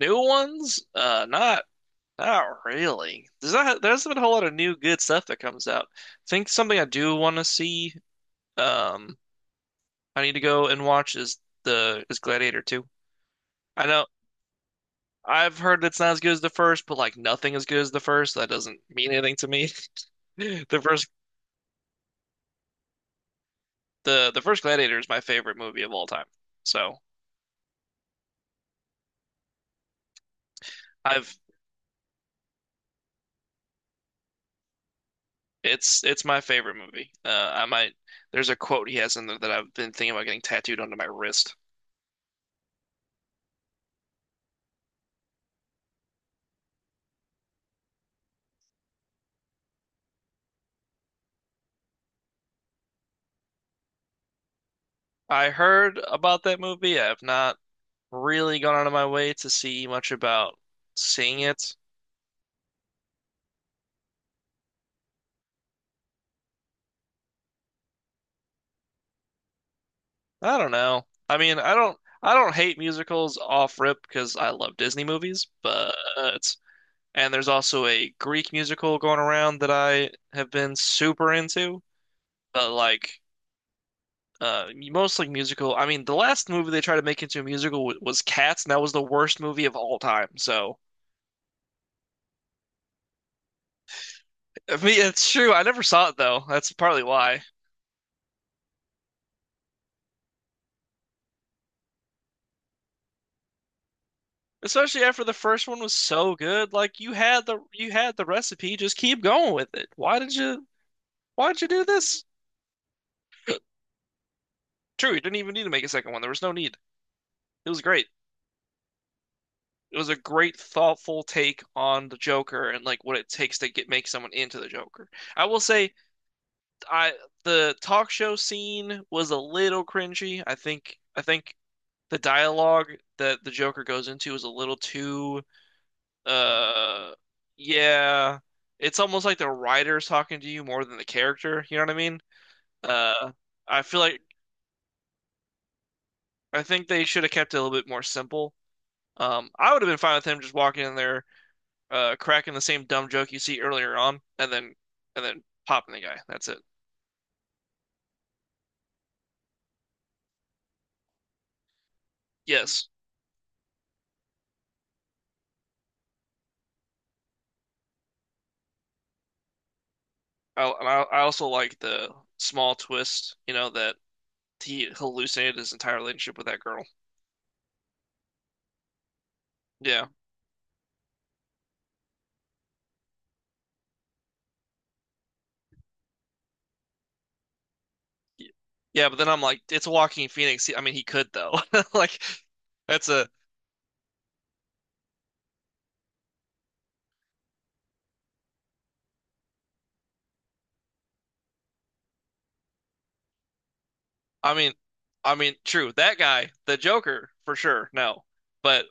New ones? Not really. There hasn't been a whole lot of new good stuff that comes out. I think something I do want to see, um, I need to go and watch is the is Gladiator 2. I know I've heard it's not as good as the first, but like nothing as good as the first. So that doesn't mean anything to me. The first the first Gladiator is my favorite movie of all time. So I've it's my favorite movie. I might There's a quote he has in there that I've been thinking about getting tattooed onto my wrist. I heard about that movie. I have not really gone out of my way to see much about seeing it. I don't know. I mean, I don't hate musicals off rip because I love Disney movies, but and there's also a Greek musical going around that I have been super into. But like mostly musical. I mean, the last movie they tried to make into a musical w was Cats, and that was the worst movie of all time. So, I mean, it's true. I never saw it though. That's partly why. Especially after the first one was so good, like you had the recipe, just keep going with it. Why did you do this? True, you didn't even need to make a second one. There was no need. It was great. It was a great, thoughtful take on the Joker and like what it takes to get make someone into the Joker. I will say, I the talk show scene was a little cringy. I think the dialogue that the Joker goes into is a little too. Uh, yeah, it's almost like the writer's talking to you more than the character. You know what I mean? Uh, I feel like I think they should have kept it a little bit more simple. I would have been fine with him just walking in there, cracking the same dumb joke you see earlier on, and then popping the guy. That's it. Yes, I also like the small twist. You know that he hallucinated his entire relationship with that girl. Yeah. Yeah, but then I'm like, it's Joaquin Phoenix. I mean, he could though. Like, that's a I mean, I mean, true. That guy, the Joker, for sure. No, but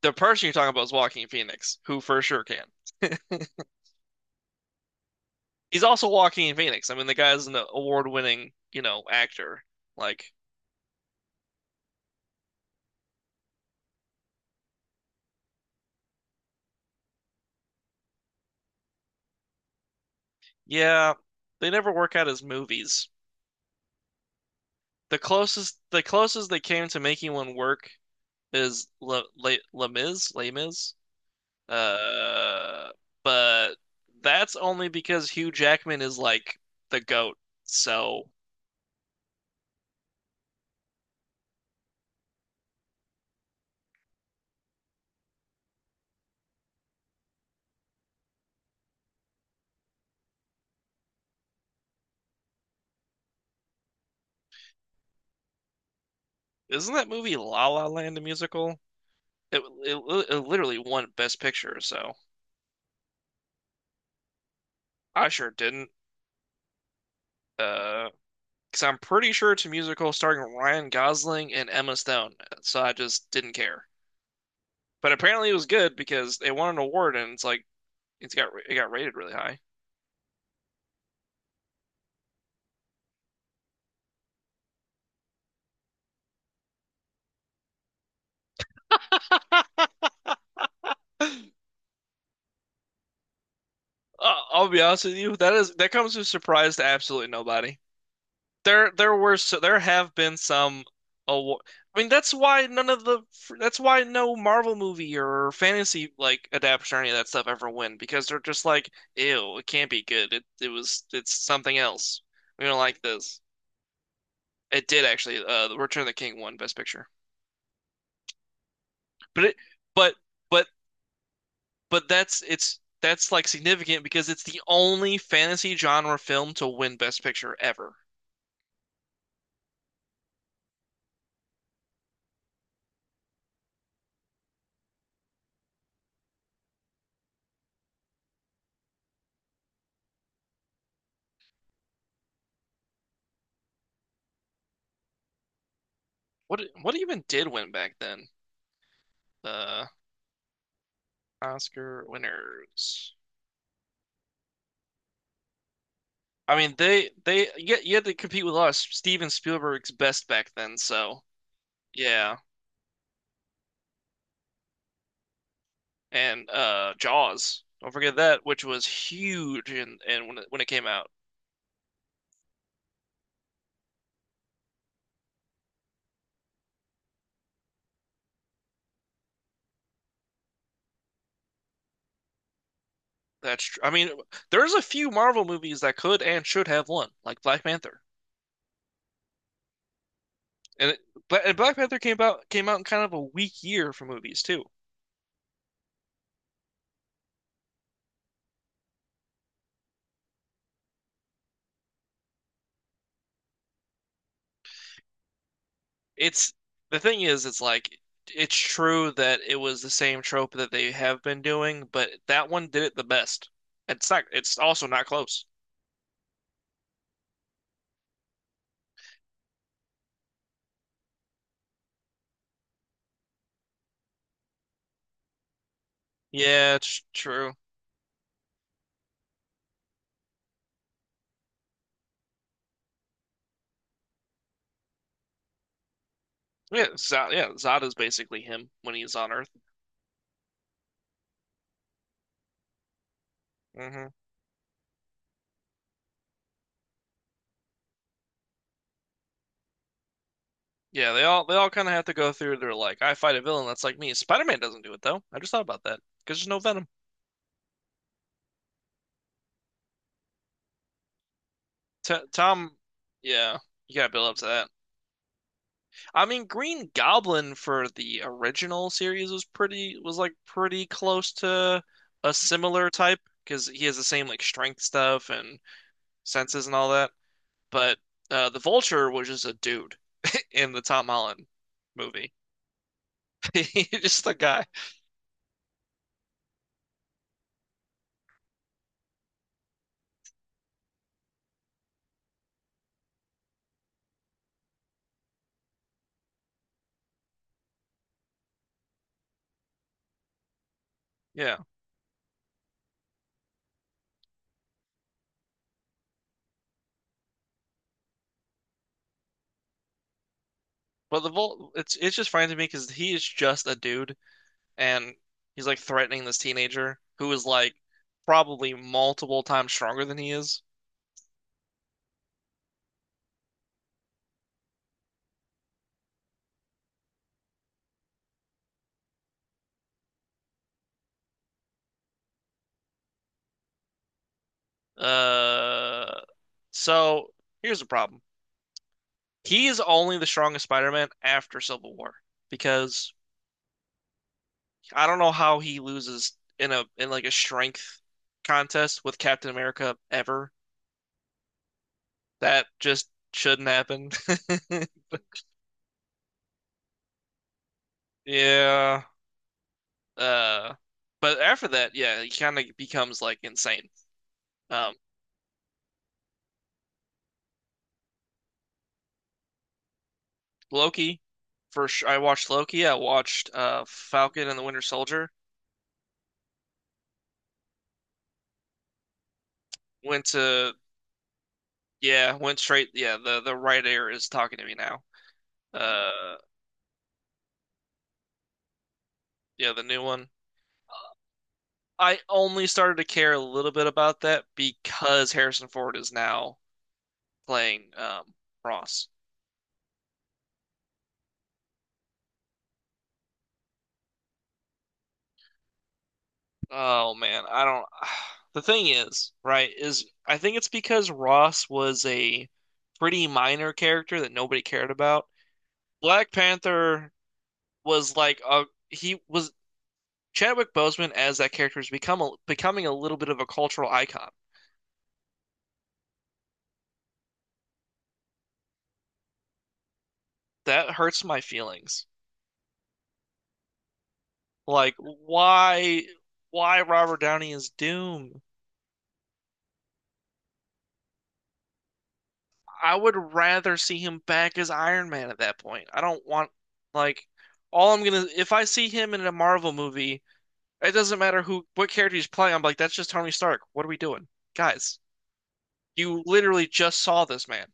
the person you're talking about is Joaquin Phoenix, who for sure can. He's also Joaquin Phoenix. I mean, the guy's an award-winning, you know, actor. Like, yeah, they never work out his movies. The closest they came to making one work is Les Mis, Les Mis. Uh, but that's only because Hugh Jackman is like the goat. So. Isn't that movie La La Land a musical? It it literally won Best Picture, so I sure didn't. Uh, because I'm pretty sure it's a musical starring Ryan Gosling and Emma Stone, so I just didn't care. But apparently it was good because it won an award, and it's like it got rated really high. I'll be honest with you, that comes as a surprise to absolutely nobody. There were there have been some awa- I mean, that's why none of the that's why no Marvel movie or fantasy like adaptation or any of that stuff ever win because they're just like, ew, it can't be good. It's something else. We don't like this. It did actually. The Return of the King won Best Picture, but it but but but that's it's that's like significant because it's the only fantasy genre film to win Best Picture ever. What even did win back then? Uh. Oscar winners. I mean, they you had to compete with Steven Spielberg's best back then. So yeah, and Jaws. Don't forget that, which was huge and when when it came out. I mean, there's a few Marvel movies that could and should have won, like Black Panther. And, it, and Black Panther came out in kind of a weak year for movies too. It's The thing is, it's like it's true that it was the same trope that they have been doing, but that one did it the best. It's not. It's also not close. Yeah, it's true. Yeah, Zod, yeah, Zada's basically him when he's on Earth. hmm Yeah, they all kind of have to go through. They're like, I fight a villain that's like me. Spider-Man doesn't do it though. I just thought about that because there's no Venom. T Tom, yeah, you gotta build up to that. I mean, Green Goblin for the original series was pretty was like pretty close to a similar type because he has the same like strength stuff and senses and all that. But the Vulture was just a dude in the Tom Holland movie. He's just a guy. Yeah. But the Vol it's just fine to me because he is just a dude and he's like threatening this teenager who is like probably multiple times stronger than he is. Uh, so here's the problem. He is only the strongest Spider-Man after Civil War because I don't know how he loses in like a strength contest with Captain America ever. That just shouldn't happen. Yeah. Uh, but after that, yeah, he kind of becomes like insane. Um, Loki, first I watched Loki. I watched Falcon and the Winter Soldier. Went to Yeah, went straight. Yeah, the right ear is talking to me now. Uh, yeah, the new one. I only started to care a little bit about that because Harrison Ford is now playing Ross. Oh man, I don't. The thing is, right, is I think it's because Ross was a pretty minor character that nobody cared about. Black Panther was like a he was Chadwick Boseman as that character has become becoming a little bit of a cultural icon. That hurts my feelings. Like why Robert Downey is Doom? I would rather see him back as Iron Man at that point. I don't want like all I'm gonna. If I see him in a Marvel movie, it doesn't matter who what character he's playing. I'm like, that's just Tony Stark. What are we doing, guys? You literally just saw this man.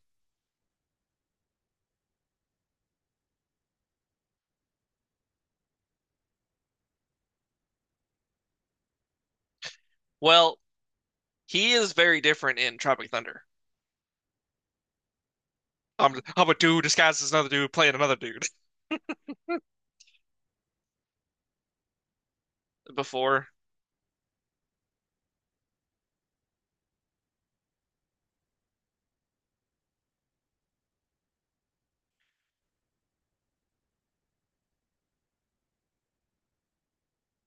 Well, he is very different in Tropic Thunder. I'm a dude disguised as another dude playing another dude. Before,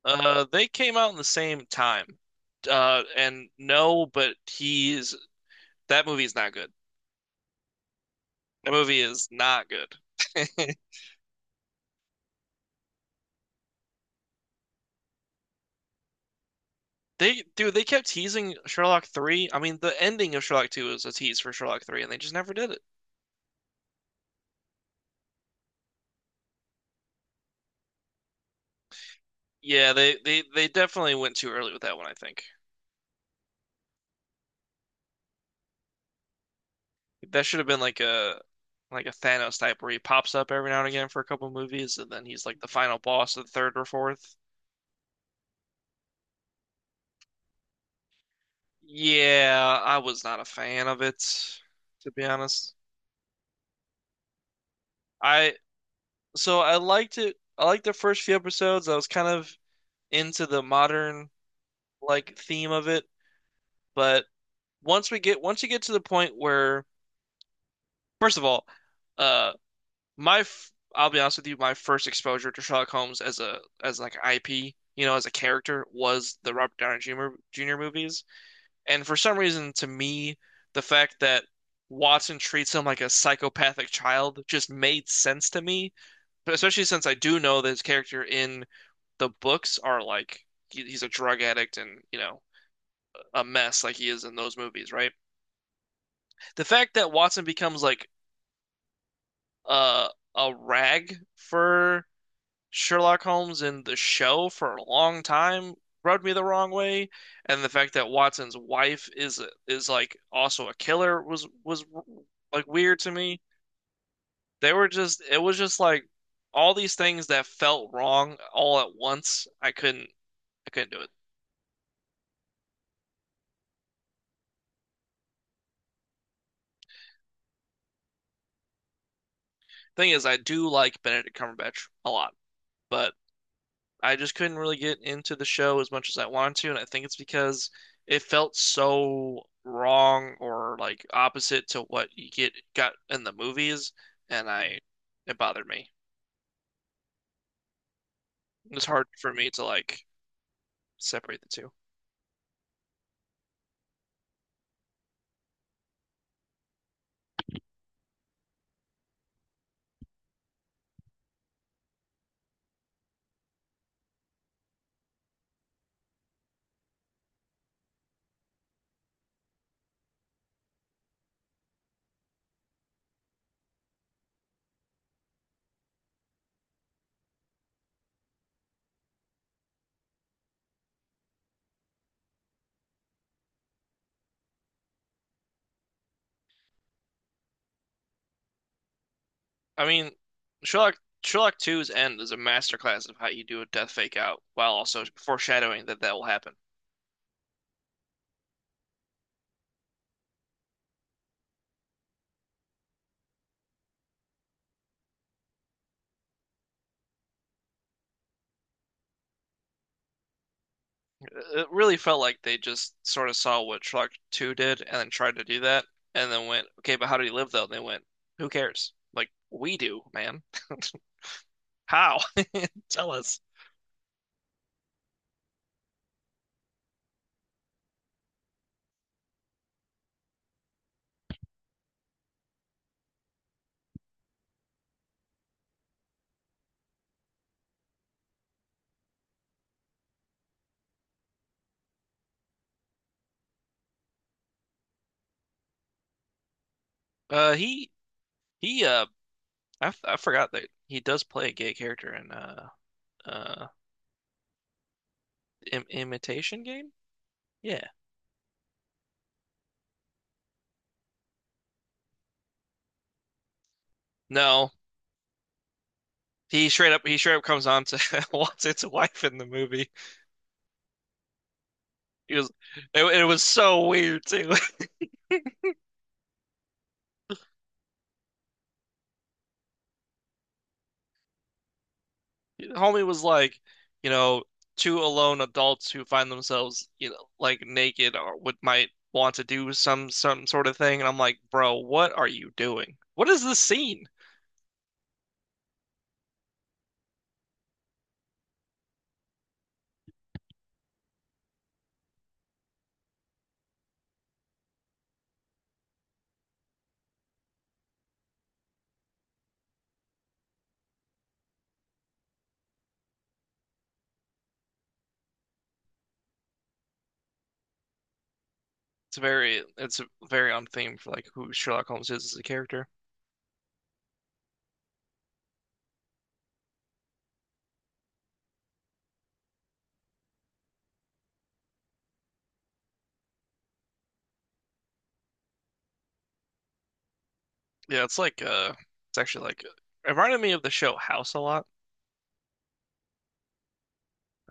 they came out in the same time. And No, but he's that movie is not good. That movie is not good. They, dude, they kept teasing Sherlock 3. I mean, the ending of Sherlock 2 was a tease for Sherlock 3, and they just never did it. Yeah, they definitely went too early with that one, I think. That should have been like a a Thanos type where he pops up every now and again for a couple movies, and then he's like the final boss of the third or fourth. Yeah, I was not a fan of it, to be honest. I so I liked it. I liked the first few episodes. I was kind of into the modern like theme of it, but once you get to the point where, first of all, uh, my f I'll be honest with you, my first exposure to Sherlock Holmes as a as like IP, you know, as a character was the Robert Downey Jr. Movies, and for some reason, to me, the fact that Watson treats him like a psychopathic child just made sense to me, but especially since I do know that his character in the books are like he's a drug addict and you know a mess like he is in those movies, right? The fact that Watson becomes like uh a rag for Sherlock Holmes in the show for a long time rubbed me the wrong way, and the fact that Watson's wife is like also a killer was like weird to me. They were just it was just like all these things that felt wrong all at once. I couldn't do it. Thing is, I do like Benedict Cumberbatch a lot, but I just couldn't really get into the show as much as I wanted to, and I think it's because it felt so wrong or like opposite to what you get got in the movies, and I it bothered me. It was hard for me to like separate the two. I mean, Sherlock Sherlock Two's end is a masterclass of how you do a death fake out while also foreshadowing that that will happen. It really felt like they just sort of saw what Shrek 2 did and then tried to do that and then went, okay, but how do you live though? And they went, who cares? Like, we do, man. How? Tell us. Uh, he, he, I forgot that he does play a gay character in, uh, Im Imitation Game? Yeah. No. He straight up comes on to wants its wife in the movie. He was, it was so weird too. Homie was like, you know, two alone adults who find themselves, you know, like naked or would might want to do some sort of thing. And I'm like, bro, what are you doing? What is this scene? It's very on theme for like who Sherlock Holmes is as a character. Yeah, it's like it's actually like it reminded me of the show House a lot.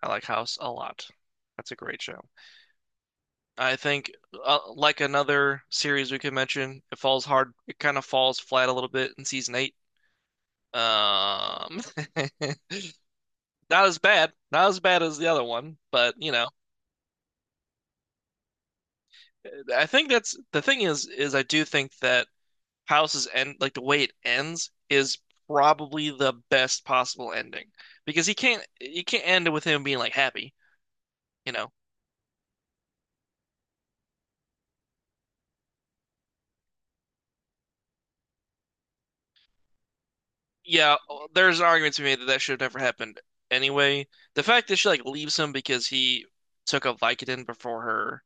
I like House a lot. That's a great show. I think like another series we could mention, it falls hard, it kind of falls flat a little bit in season eight. Um, Not as bad, as the other one, but you know, I think that's the thing is I do think that House's end, like the way it ends, is probably the best possible ending because he can't you can't end it with him being like happy, you know. Yeah, there's an argument to be made that that should have never happened anyway. The fact that she like leaves him because he took a Vicodin before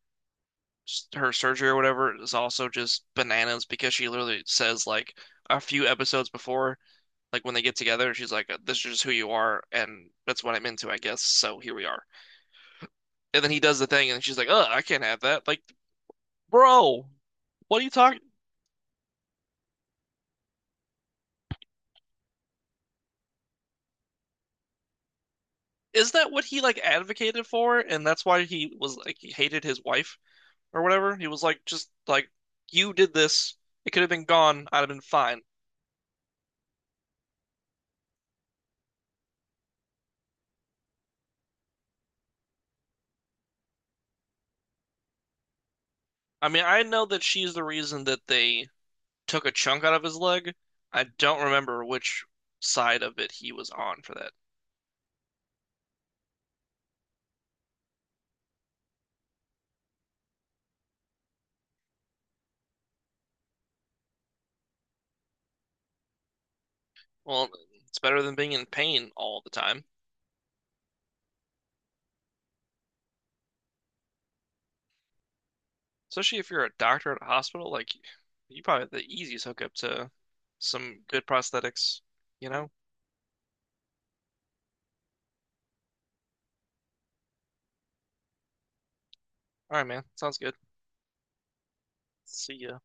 her surgery or whatever is also just bananas because she literally says like a few episodes before, like when they get together, she's like, "This is just who you are, and that's what I'm into, I guess." So here we are. And then he does the thing, and she's like, "Oh, I can't have that." Like, bro, what are you talking? Is that what he like advocated for? And that's why he was like he hated his wife or whatever. He was like, just like you did this. It could have been gone. I'd have been fine. I mean, I know that she's the reason that they took a chunk out of his leg. I don't remember which side of it he was on for that. Well, it's better than being in pain all the time, especially if you're a doctor at a hospital. Like, you probably have the easiest hookup to some good prosthetics, you know? All right, man. Sounds good. See ya.